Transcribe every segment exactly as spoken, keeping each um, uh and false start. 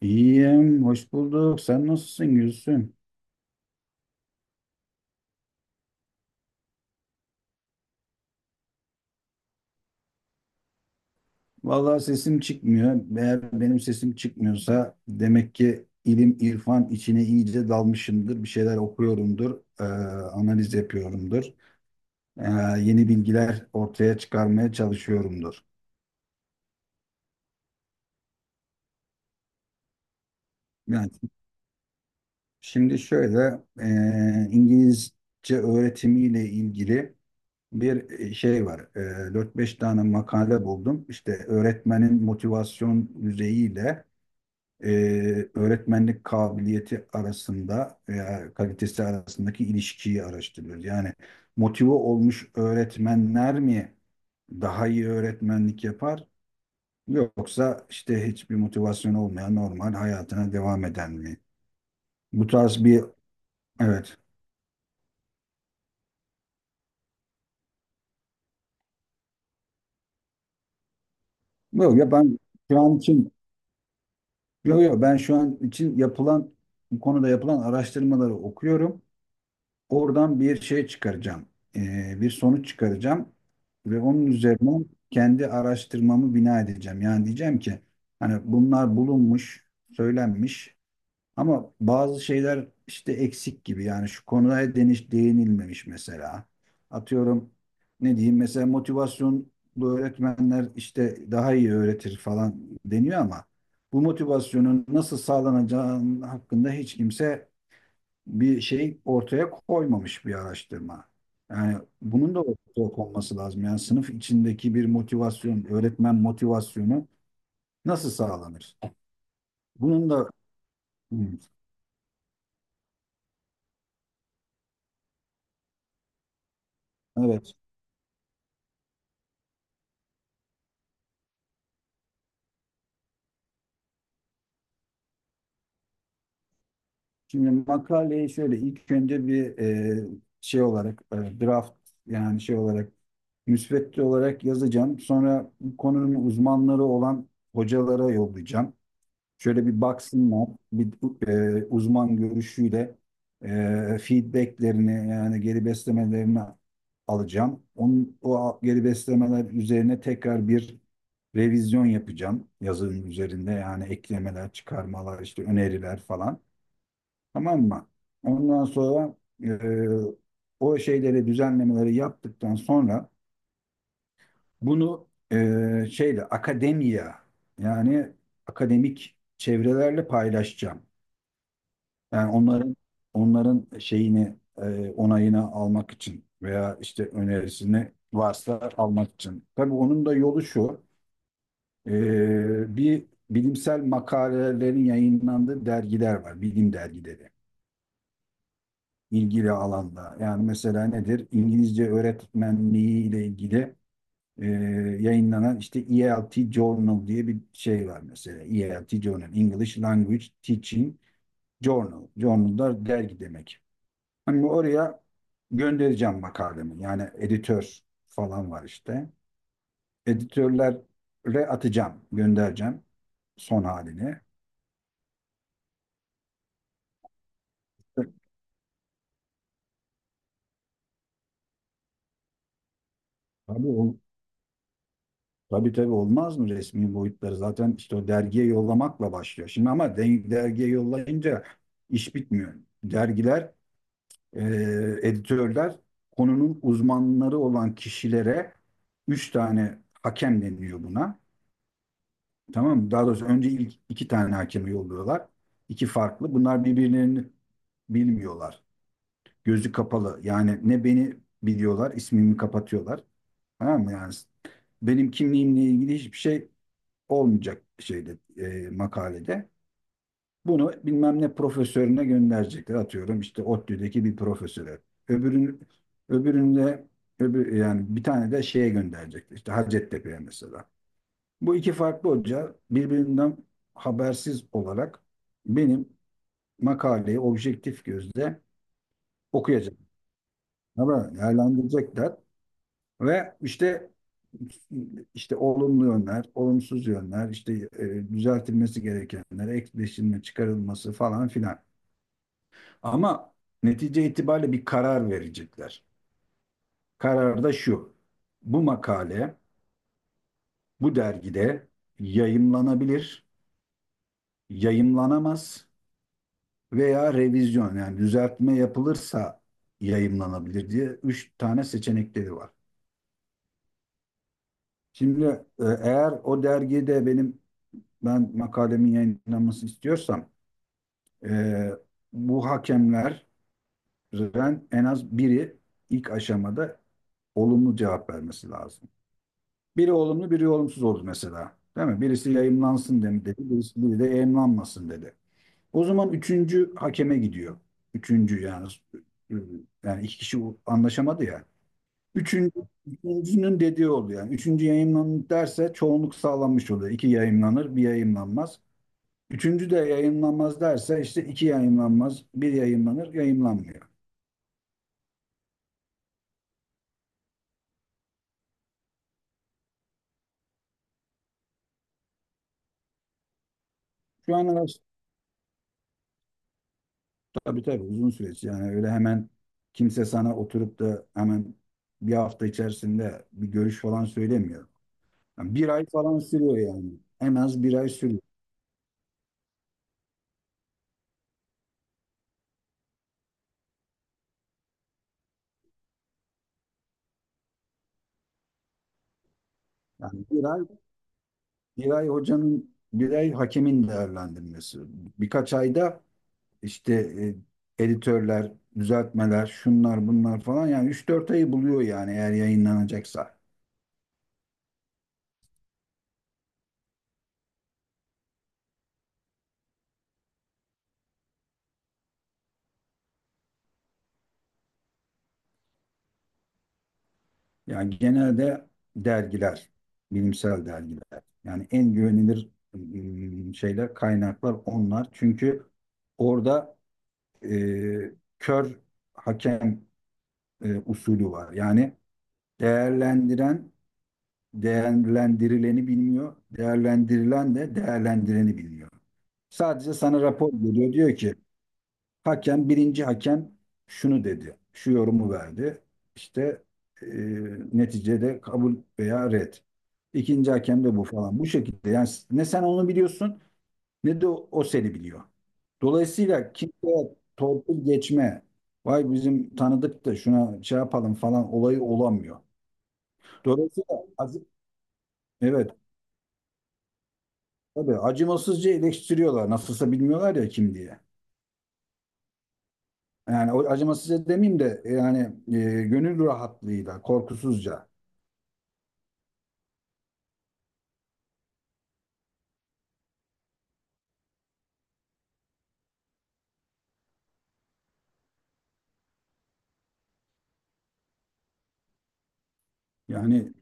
İyiyim, hoş bulduk. Sen nasılsın Gülsüm? Vallahi sesim çıkmıyor. Eğer benim sesim çıkmıyorsa demek ki ilim, irfan içine iyice dalmışımdır. Bir şeyler okuyorumdur, eee, analiz yapıyorumdur. Eee, yeni bilgiler ortaya çıkarmaya çalışıyorumdur. Yani şimdi şöyle, eee, İngilizce öğretimiyle ilgili bir şey var. Eee dört beş tane makale buldum. İşte öğretmenin motivasyon düzeyiyle e, öğretmenlik kabiliyeti arasında veya kalitesi arasındaki ilişkiyi araştırıyoruz. Yani motive olmuş öğretmenler mi daha iyi öğretmenlik yapar, yoksa işte hiçbir motivasyon olmayan, normal hayatına devam eden mi? Bu tarz bir, evet. Yok ya, ben şu an için, yok yok, ben şu an için yapılan, bu konuda yapılan araştırmaları okuyorum. Oradan bir şey çıkaracağım. Ee, bir sonuç çıkaracağım ve onun üzerine kendi araştırmamı bina edeceğim. Yani diyeceğim ki hani bunlar bulunmuş, söylenmiş, ama bazı şeyler işte eksik gibi. Yani şu konuya deniş değinilmemiş mesela. Atıyorum, ne diyeyim, mesela motivasyonlu öğretmenler işte daha iyi öğretir falan deniyor ama bu motivasyonun nasıl sağlanacağı hakkında hiç kimse bir şey ortaya koymamış bir araştırma. Yani bunun da ortaya konması lazım. Yani sınıf içindeki bir motivasyon, öğretmen motivasyonu nasıl sağlanır? Bunun da Hmm, evet. Şimdi makaleyi şöyle ilk önce bir e, şey olarak, e, draft, yani şey olarak, müsvedde olarak yazacağım. Sonra bu konunun uzmanları olan hocalara yollayacağım. Şöyle bir baksınlar, bir e, uzman görüşüyle e, feedbacklerini, yani geri beslemelerini alacağım. Onun, o geri beslemeler üzerine tekrar bir revizyon yapacağım yazının üzerinde, yani eklemeler, çıkarmalar, işte öneriler falan. Tamam mı? Ondan sonra e, o şeyleri, düzenlemeleri yaptıktan sonra bunu e, şeyle akademiya, yani akademik çevrelerle paylaşacağım. Yani onların, onların şeyini, e, onayını almak için veya işte önerisini varsa almak için. Tabii onun da yolu şu. E, bir bilimsel makalelerin yayınlandığı dergiler var. Bilim dergileri. İlgili alanda. Yani mesela nedir? İngilizce öğretmenliği ile ilgili e, yayınlanan işte E L T Journal diye bir şey var mesela. E L T Journal. English Language Teaching Journal. Journal da dergi demek. Hani oraya göndereceğim makalemi. Yani editör falan var işte. Editörlere atacağım, göndereceğim son halini. Tabii, ol- tabii tabii, olmaz mı resmi boyutları? Zaten işte o dergiye yollamakla başlıyor. Şimdi ama de- dergiye yollayınca iş bitmiyor. Dergiler, e, editörler konunun uzmanları olan kişilere, üç tane hakem deniyor buna. Tamam mı? Daha doğrusu önce ilk iki tane hakemi yolluyorlar. İki farklı. Bunlar birbirlerini bilmiyorlar. Gözü kapalı. Yani ne beni biliyorlar, ismimi kapatıyorlar. Tamam mı? Yani benim kimliğimle ilgili hiçbir şey olmayacak şeyde, e, makalede. Bunu bilmem ne profesörüne gönderecekler. Atıyorum işte ODTÜ'deki bir profesöre. Öbürün, öbüründe öbür, yani bir tane de şeye gönderecekler. İşte Hacettepe'ye mesela. Bu iki farklı hoca birbirinden habersiz olarak benim makaleyi objektif gözle okuyacak. Ama değerlendirecekler ve işte işte olumlu yönler, olumsuz yönler, işte e, düzeltilmesi gerekenler, ekleşilme, çıkarılması falan filan. Ama netice itibariyle bir karar verecekler. Karar da şu. Bu makale bu dergide yayımlanabilir, yayımlanamaz veya revizyon, yani düzeltme yapılırsa yayımlanabilir diye üç tane seçenekleri var. Şimdi e, eğer o dergide benim, ben makalemin yayınlanmasını istiyorsam, e, bu hakemlerden en az biri ilk aşamada olumlu cevap vermesi lazım. Biri olumlu, biri olumsuz oldu mesela. Değil mi? Birisi yayımlansın dem- dedi, birisi, biri de yayımlanmasın dedi. O zaman üçüncü hakeme gidiyor. Üçüncü, yani, yani iki kişi anlaşamadı ya. Üçüncü, üçüncünün dediği oluyor. Yani üçüncü yayınlanır derse çoğunluk sağlanmış oluyor. İki yayınlanır, bir yayınlanmaz. Üçüncü de yayınlanmaz derse işte iki yayınlanmaz, bir yayınlanır, yayınlanmıyor. Şu an araç tabii tabii uzun süreç. Yani öyle hemen kimse sana oturup da hemen bir hafta içerisinde bir görüş falan söylemiyor. Yani bir ay falan sürüyor yani. En az bir ay sürüyor. Yani bir ay, bir ay hocanın, bir ay hakemin değerlendirmesi. Birkaç ayda işte e, editörler, düzeltmeler, şunlar bunlar falan, yani üç dört ayı buluyor yani eğer yayınlanacaksa. Yani genelde dergiler, bilimsel dergiler. Yani en güvenilir mm, şeyler, kaynaklar onlar. Çünkü orada e, kör hakem e, usulü var. Yani değerlendiren değerlendirileni bilmiyor. Değerlendirilen de değerlendireni bilmiyor. Sadece sana rapor veriyor. Diyor ki hakem, birinci hakem şunu dedi. Şu yorumu verdi. İşte e, neticede kabul veya red. İkinci hakem de bu falan. Bu şekilde, yani ne sen onu biliyorsun, ne de o, o seni biliyor. Dolayısıyla kimseye torpil geçme, vay bizim tanıdık da şuna şey yapalım falan olayı olamıyor. Dolayısıyla az- evet, tabii acımasızca eleştiriyorlar. Nasılsa bilmiyorlar ya kim diye. Yani o acımasızca demeyeyim de, yani e, gönül rahatlığıyla, korkusuzca. Yani,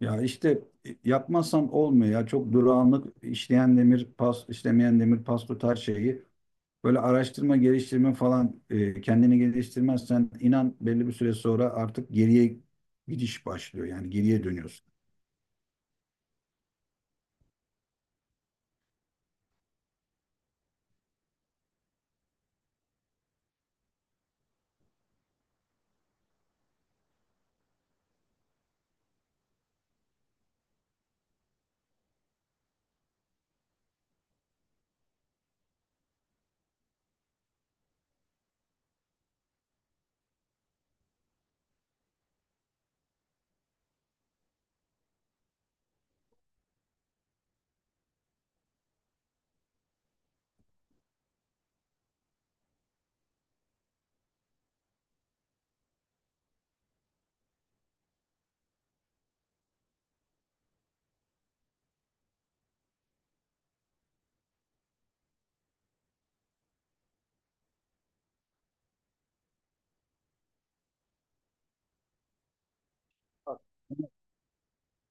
ya işte e, yapmazsam olmuyor ya. Çok durağanlık, işleyen demir pas, işlemeyen demir pas tutar şeyi. Böyle araştırma, geliştirme falan, e, kendini geliştirmezsen inan belli bir süre sonra artık geriye gidiş başlıyor. Yani geriye dönüyorsun.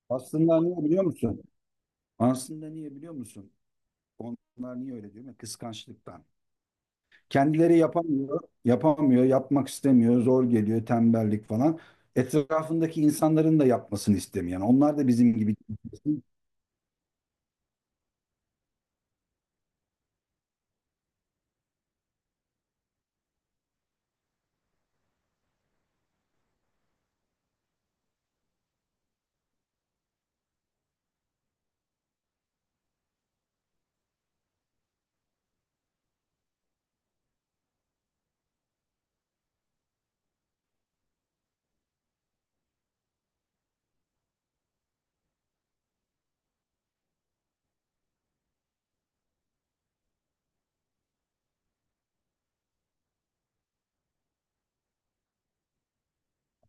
Aslında niye biliyor musun? Aslında niye biliyor musun? Onlar niye öyle diyor? Kıskançlıktan. Kendileri yapamıyor, yapamıyor, yapmak istemiyor, zor geliyor, tembellik falan. Etrafındaki insanların da yapmasını istemiyor. Yani onlar da bizim gibi.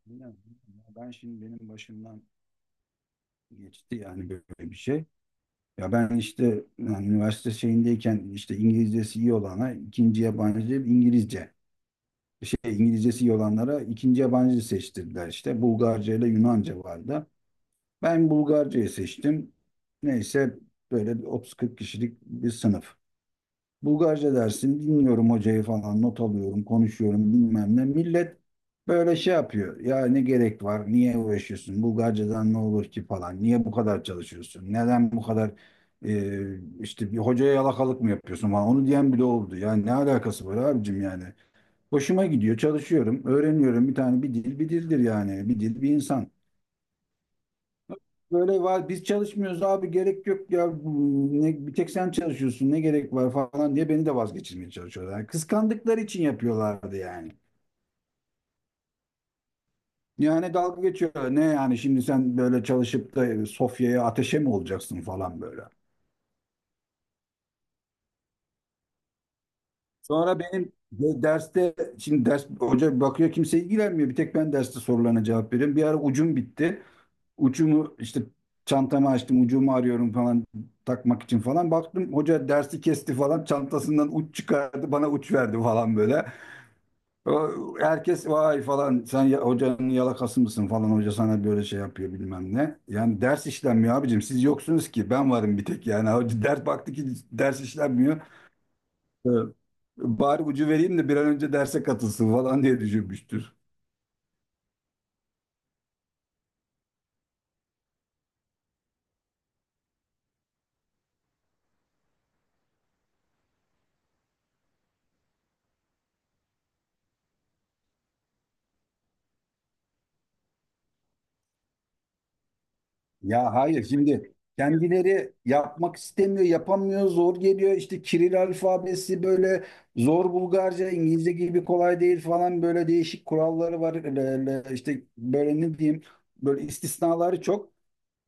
Ya, ben şimdi benim başımdan geçti yani böyle bir şey. Ya ben işte yani üniversite şeyindeyken işte İngilizcesi iyi olana ikinci yabancı İngilizce. Şey, İngilizcesi iyi olanlara ikinci yabancı seçtirdiler işte. Bulgarca ile Yunanca vardı. Ben Bulgarca'yı seçtim. Neyse, böyle bir otuz kırk kişilik bir sınıf. Bulgarca dersini dinliyorum, hocayı falan not alıyorum, konuşuyorum bilmem ne. Millet böyle şey yapıyor. Ya ne gerek var? Niye uğraşıyorsun? Bulgarcadan ne olur ki falan. Niye bu kadar çalışıyorsun? Neden bu kadar e, işte bir hocaya yalakalık mı yapıyorsun falan. Onu diyen bile oldu. Yani ne alakası var abicim yani. Hoşuma gidiyor, çalışıyorum, öğreniyorum. Bir tane, bir dil bir dildir yani. Bir dil bir insan. Böyle var biz çalışmıyoruz abi, gerek yok ya, ne, bir tek sen çalışıyorsun, ne gerek var falan diye beni de vazgeçirmeye çalışıyorlar. Yani kıskandıkları için yapıyorlardı yani. Yani dalga geçiyorlar, ne yani, şimdi sen böyle çalışıp da Sofya'ya ateşe mi olacaksın falan böyle. Sonra benim de- derste, şimdi ders, hoca bakıyor kimse ilgilenmiyor, bir tek ben derste sorularına cevap veriyorum. Bir ara ucum bitti. Ucumu işte, çantamı açtım, ucumu arıyorum falan takmak için falan, baktım hoca dersi kesti falan, çantasından uç çıkardı, bana uç verdi falan böyle. O- Herkes vay falan, sen ya- hocanın yalakası mısın falan, hoca sana böyle şey yapıyor bilmem ne. Yani ders işlenmiyor abicim, siz yoksunuz ki, ben varım bir tek, yani hoca ders baktı ki ders işlenmiyor. Ee, Bari ucu vereyim de bir an önce derse katılsın falan diye düşünmüştür. Ya hayır, şimdi kendileri yapmak istemiyor, yapamıyor, zor geliyor. İşte Kiril alfabesi böyle zor, Bulgarca, İngilizce gibi kolay değil falan, böyle değişik kuralları var. Le- le- İşte böyle ne diyeyim, böyle istisnaları çok.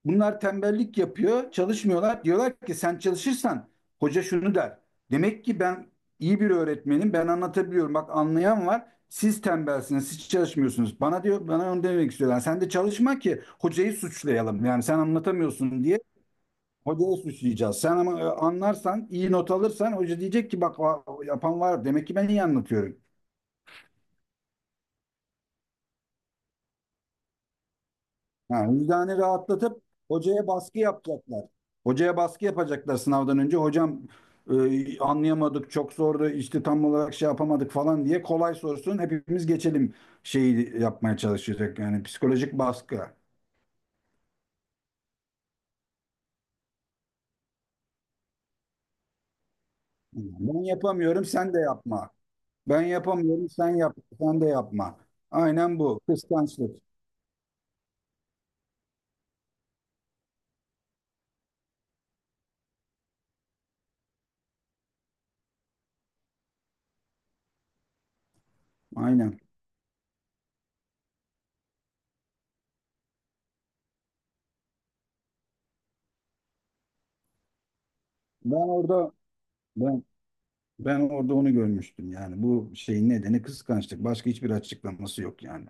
Bunlar tembellik yapıyor, çalışmıyorlar. Diyorlar ki sen çalışırsan hoca şunu der. Demek ki ben iyi bir öğretmenim, ben anlatabiliyorum. Bak anlayan var. Siz tembelsiniz, siz çalışmıyorsunuz. Bana diyor, bana onu demek istiyorlar. Sen de çalışma ki hocayı suçlayalım. Yani sen anlatamıyorsun diye hocayı suçlayacağız. Sen ama e, anlarsan, iyi not alırsan hoca diyecek ki bak, va- yapan var. Demek ki ben iyi anlatıyorum. Ha, vicdanı rahatlatıp hocaya baskı yapacaklar. Hocaya baskı yapacaklar sınavdan önce. Hocam e, anlayamadık, çok zordu, işte tam olarak şey yapamadık falan diye kolay sorsun. Hepimiz geçelim, şeyi yapmaya çalışacak. Yani psikolojik baskı. Ben yapamıyorum, sen de yapma. Ben yapamıyorum, sen yap, sen de yapma. Aynen bu. Kıskançlık. Aynen. Ben orada ben ben orada onu görmüştüm yani. Bu şeyin nedeni kıskançlık. Başka hiçbir açıklaması yok yani.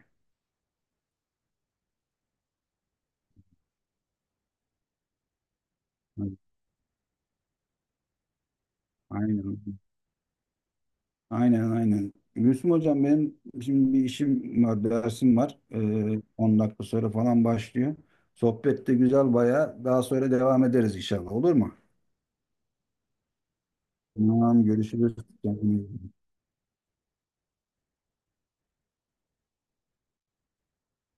Aynen. Aynen aynen. Gülsüm hocam, benim şimdi bir işim var, dersim var. Ee, on dakika sonra falan başlıyor. Sohbet de güzel bayağı. Daha sonra devam ederiz inşallah. Olur mu? Tamam, görüşürüz. Kendinize iyi bakın.